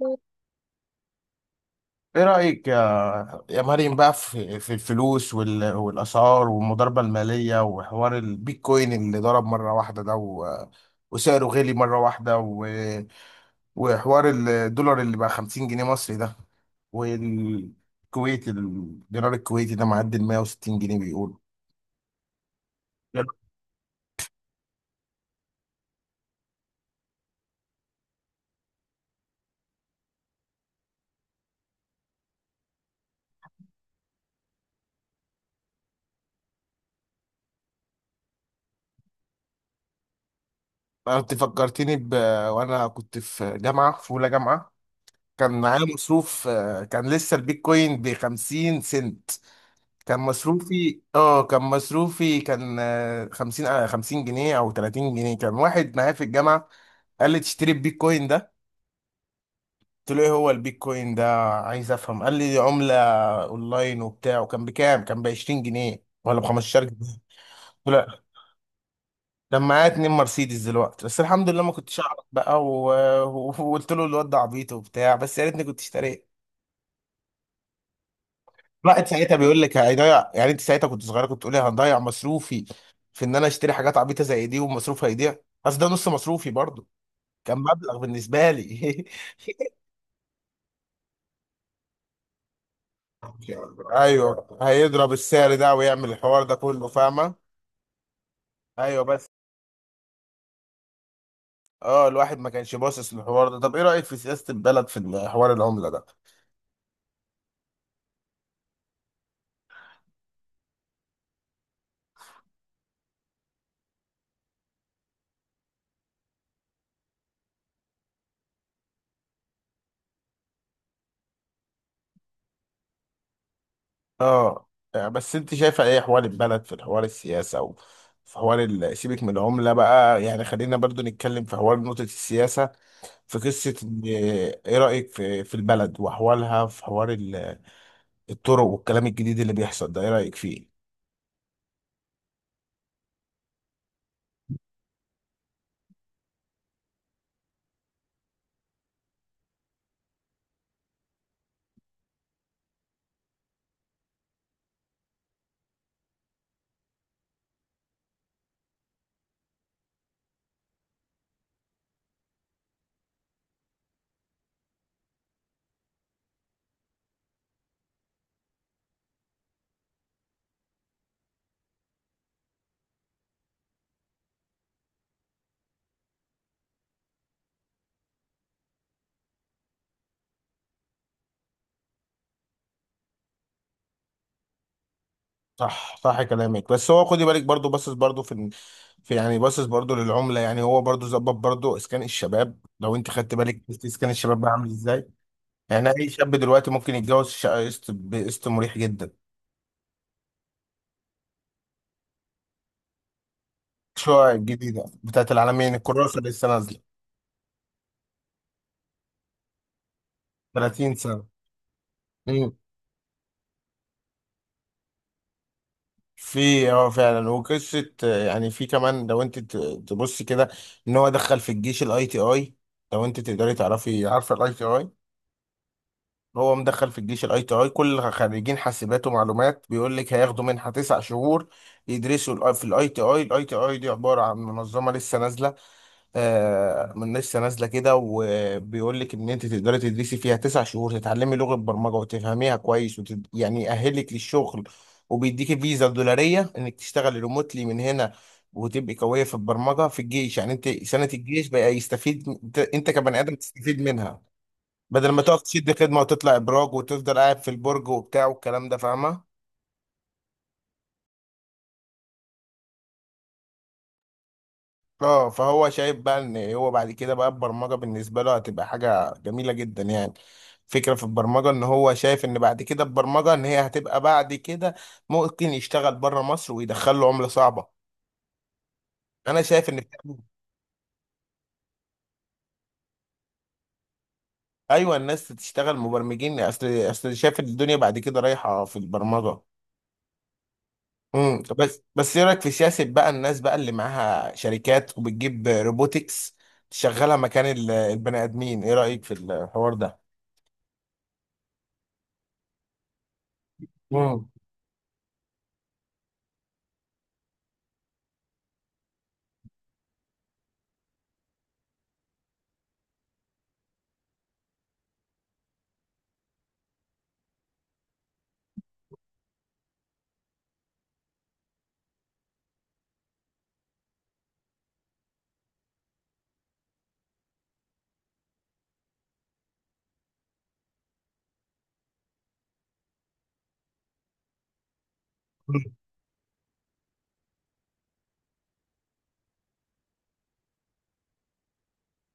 ايه رأيك يا مريم بقى في الفلوس والأسعار والمضاربة المالية وحوار البيتكوين اللي ضرب مرة واحدة ده، وسعره غلي مرة واحدة، وحوار الدولار اللي بقى 50 جنيه مصري ده، والكويت الدينار الكويتي ده معدي ال 160 جنيه بيقول. انت فكرتني وانا كنت في اولى جامعة. كان معايا مصروف، كان لسه البيتكوين ب 50 سنت. كان مصروفي كان 50 جنيه أو 30 جنيه. كان واحد معايا في الجامعة قال لي تشتري البيتكوين ده. قلت له ايه هو البيتكوين ده، عايز افهم. قال لي عملة اونلاين وبتاع، وكان بكام؟ كان ب 20 جنيه ولا ب 15 جنيه. قلت له لا. كان معايا اتنين مرسيدس دلوقتي، بس الحمد لله ما كنتش اعرف بقى، وقلت له الواد ده عبيط وبتاع، بس يا ريتني كنت اشتريت. الواحد ساعتها بيقول لك هيضيع، يعني انت ساعتها كنت صغيره كنت تقولي هنضيع مصروفي في ان انا اشتري حاجات عبيطه زي دي ومصروف هيضيع. بس ده نص مصروفي برضو، كان مبلغ بالنسبه لي. ايوه، هيضرب السعر ده ويعمل الحوار ده كله، فاهمه؟ ايوه بس. اه الواحد ما كانش باصص للحوار ده. طب ايه رايك في سياسه البلد، في حوار العمله ده؟ اه يعني بس انت شايفه ايه حوار البلد، في الحوار السياسه، او في حوار سيبك من العمله بقى، يعني خلينا برضو نتكلم في حوار نقطه السياسه، في قصة إيه رأيك في البلد وأحوالها، في حوار الطرق والكلام الجديد اللي بيحصل ده، إيه رأيك فيه؟ صح صح كلامك، بس هو خدي بالك برضو باصص برضو في، يعني باصص برضو للعملة، يعني هو برضو ظبط برضو إسكان الشباب. لو أنت خدت بالك، شفت إسكان الشباب بقى عامل إزاي؟ يعني أي شاب دلوقتي ممكن يتجوز شقة قسط بقسط مريح جدا. الشقق الجديدة بتاعت العالمين، الكراسة لسه نازلة. 30 سنة. إمم. في، فعلا، وقصه، يعني في كمان لو انت تبصي كده ان هو دخل في الجيش الاي تي اي. لو انت تقدري تعرفي، عارفه الاي تي اي؟ هو مدخل في الجيش الاي تي اي، كل خريجين حاسبات ومعلومات بيقول لك هياخدوا منحه 9 شهور يدرسوا في الاي تي اي. الاي تي اي دي عباره عن منظمه لسه نازله، من لسه نازله كده، وبيقول لك ان انت تقدري تدرسي فيها 9 شهور تتعلمي لغه برمجه وتفهميها كويس، يعني يأهلك للشغل، وبيديكي فيزا دولاريه انك تشتغلي ريموتلي من هنا، وتبقي قويه في البرمجه في الجيش. يعني انت سنه الجيش بقى يستفيد، إنت كبني ادم تستفيد منها، بدل ما تقف تشد خدمه وتطلع ابراج وتفضل قاعد في البرج وبتاع والكلام ده، فاهمه؟ اه فهو شايف بقى ان هو بعد كده بقى البرمجه بالنسبه له هتبقى حاجه جميله جدا، يعني فكره في البرمجه، ان هو شايف ان بعد كده البرمجه ان هي هتبقى بعد كده ممكن يشتغل بره مصر ويدخل له عمله صعبه. انا شايف ان، ايوه، الناس تشتغل مبرمجين، اصل شايف الدنيا بعد كده رايحه في البرمجه. بس ايه رايك في سياسه بقى الناس بقى اللي معاها شركات وبتجيب روبوتكس تشغلها مكان البني ادمين، ايه رايك في الحوار ده؟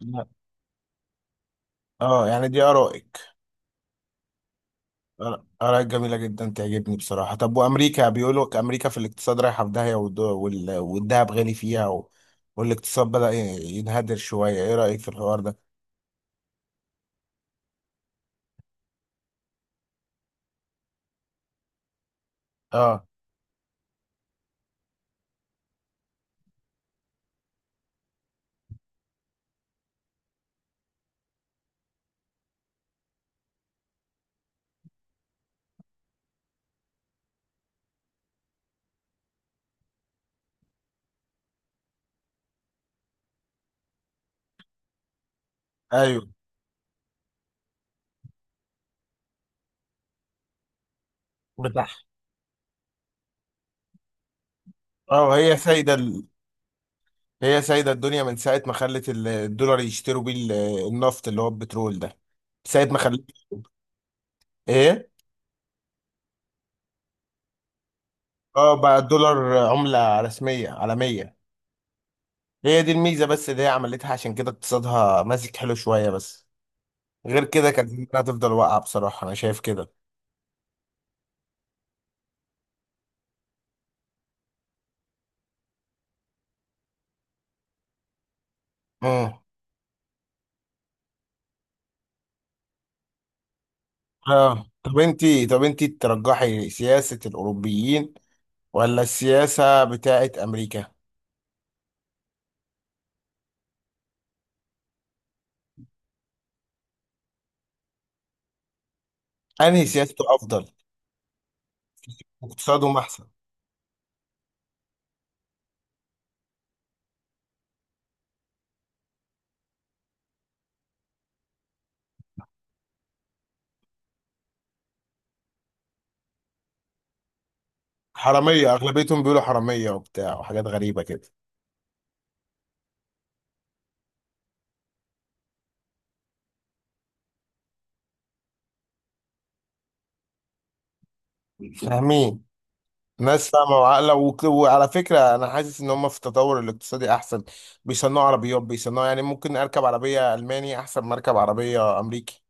مم. اه يعني دي ارائك. ارائك جميله جدا، تعجبني بصراحه. طب وامريكا، بيقولوا لك امريكا في الاقتصاد رايحه في داهيه، والدهب غالي فيها، والاقتصاد بدا ينهدر شويه، ايه رايك في الحوار ده؟ اه ايوه. بتاع. اه هي سايده هي سايده الدنيا من ساعه ما خلت الدولار يشتروا بيه النفط اللي هو البترول ده. ساعه ما خلت. ايه. اه بقى الدولار عمله رسميه عالميه. هي دي الميزه بس، اللي هي عملتها، عشان كده اقتصادها ماسك حلو شويه، بس غير كده كانت الدنيا هتفضل واقعة، بصراحة أنا شايف كده. اه. طب أنتي ترجحي سياسة الأوروبيين ولا السياسة بتاعت أمريكا؟ أنهي سياسته أفضل؟ واقتصادهم أحسن؟ حرامية، أغلبيتهم بيقولوا حرامية وبتاع وحاجات غريبة كده. فاهمين، ناس فاهمة وعاقلة، وعلى فكرة أنا حاسس إن هم في التطور الاقتصادي أحسن. بيصنعوا عربيات بيصنعوا، يعني ممكن أركب عربية ألماني أحسن ما أركب عربية أمريكي،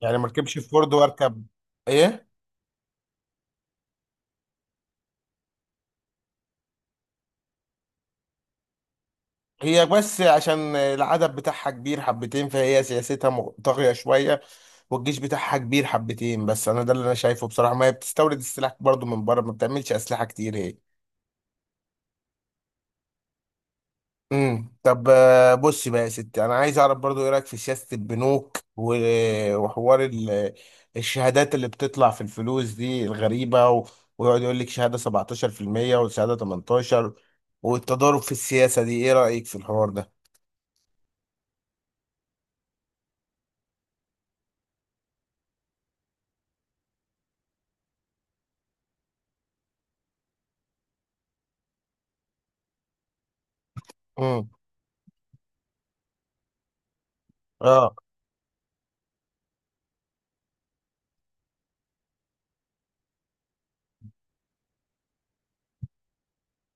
يعني ما أركبش فورد، وأركب إيه؟ هي بس عشان العدد بتاعها كبير حبتين، فهي سياستها طاغية شوية، والجيش بتاعها كبير حبتين. بس انا ده اللي انا شايفه بصراحة، ما هي بتستورد السلاح برضو من بره، ما بتعملش اسلحة كتير هي. طب، بصي بقى يا ستي، انا عايز اعرف برضو، ايه رايك في سياسة البنوك وحوار الشهادات اللي بتطلع في الفلوس دي الغريبة، ويقعد يقول لك شهادة 17% وشهادة 18، والتضارب في السياسة دي، ايه رايك في الحوار ده؟ امم. اه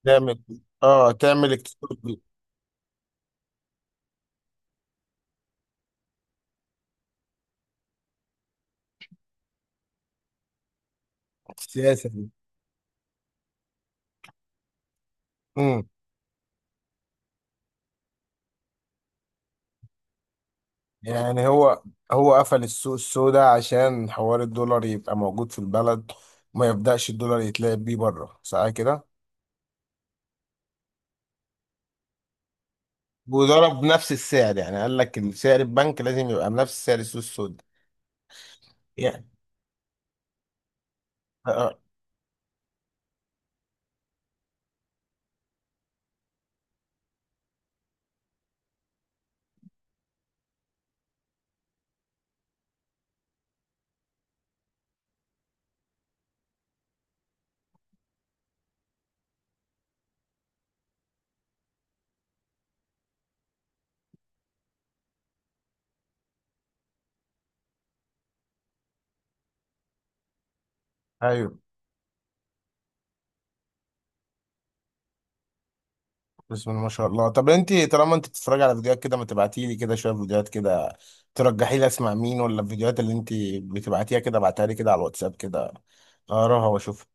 تعمل اه تعمل اقتصاد. سياسة دي. امم. يعني هو قفل السوق السوداء عشان حوار الدولار يبقى موجود في البلد وما يبدأش الدولار يتلعب بيه بره، صح كده؟ وضرب نفس السعر، يعني قال لك سعر البنك لازم يبقى بنفس سعر السوق السوداء، يعني. آه. ايوه. بسم الله ما شاء الله. طب انت، طالما انت بتتفرج على فيديوهات كده، ما تبعتي لي كده شويه فيديوهات كده، ترجحي لي اسمع مين؟ ولا الفيديوهات اللي انت بتبعتيها كده ابعتها لي كده على الواتساب كده اقراها واشوفها.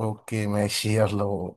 اوكي، ماشي، يلا.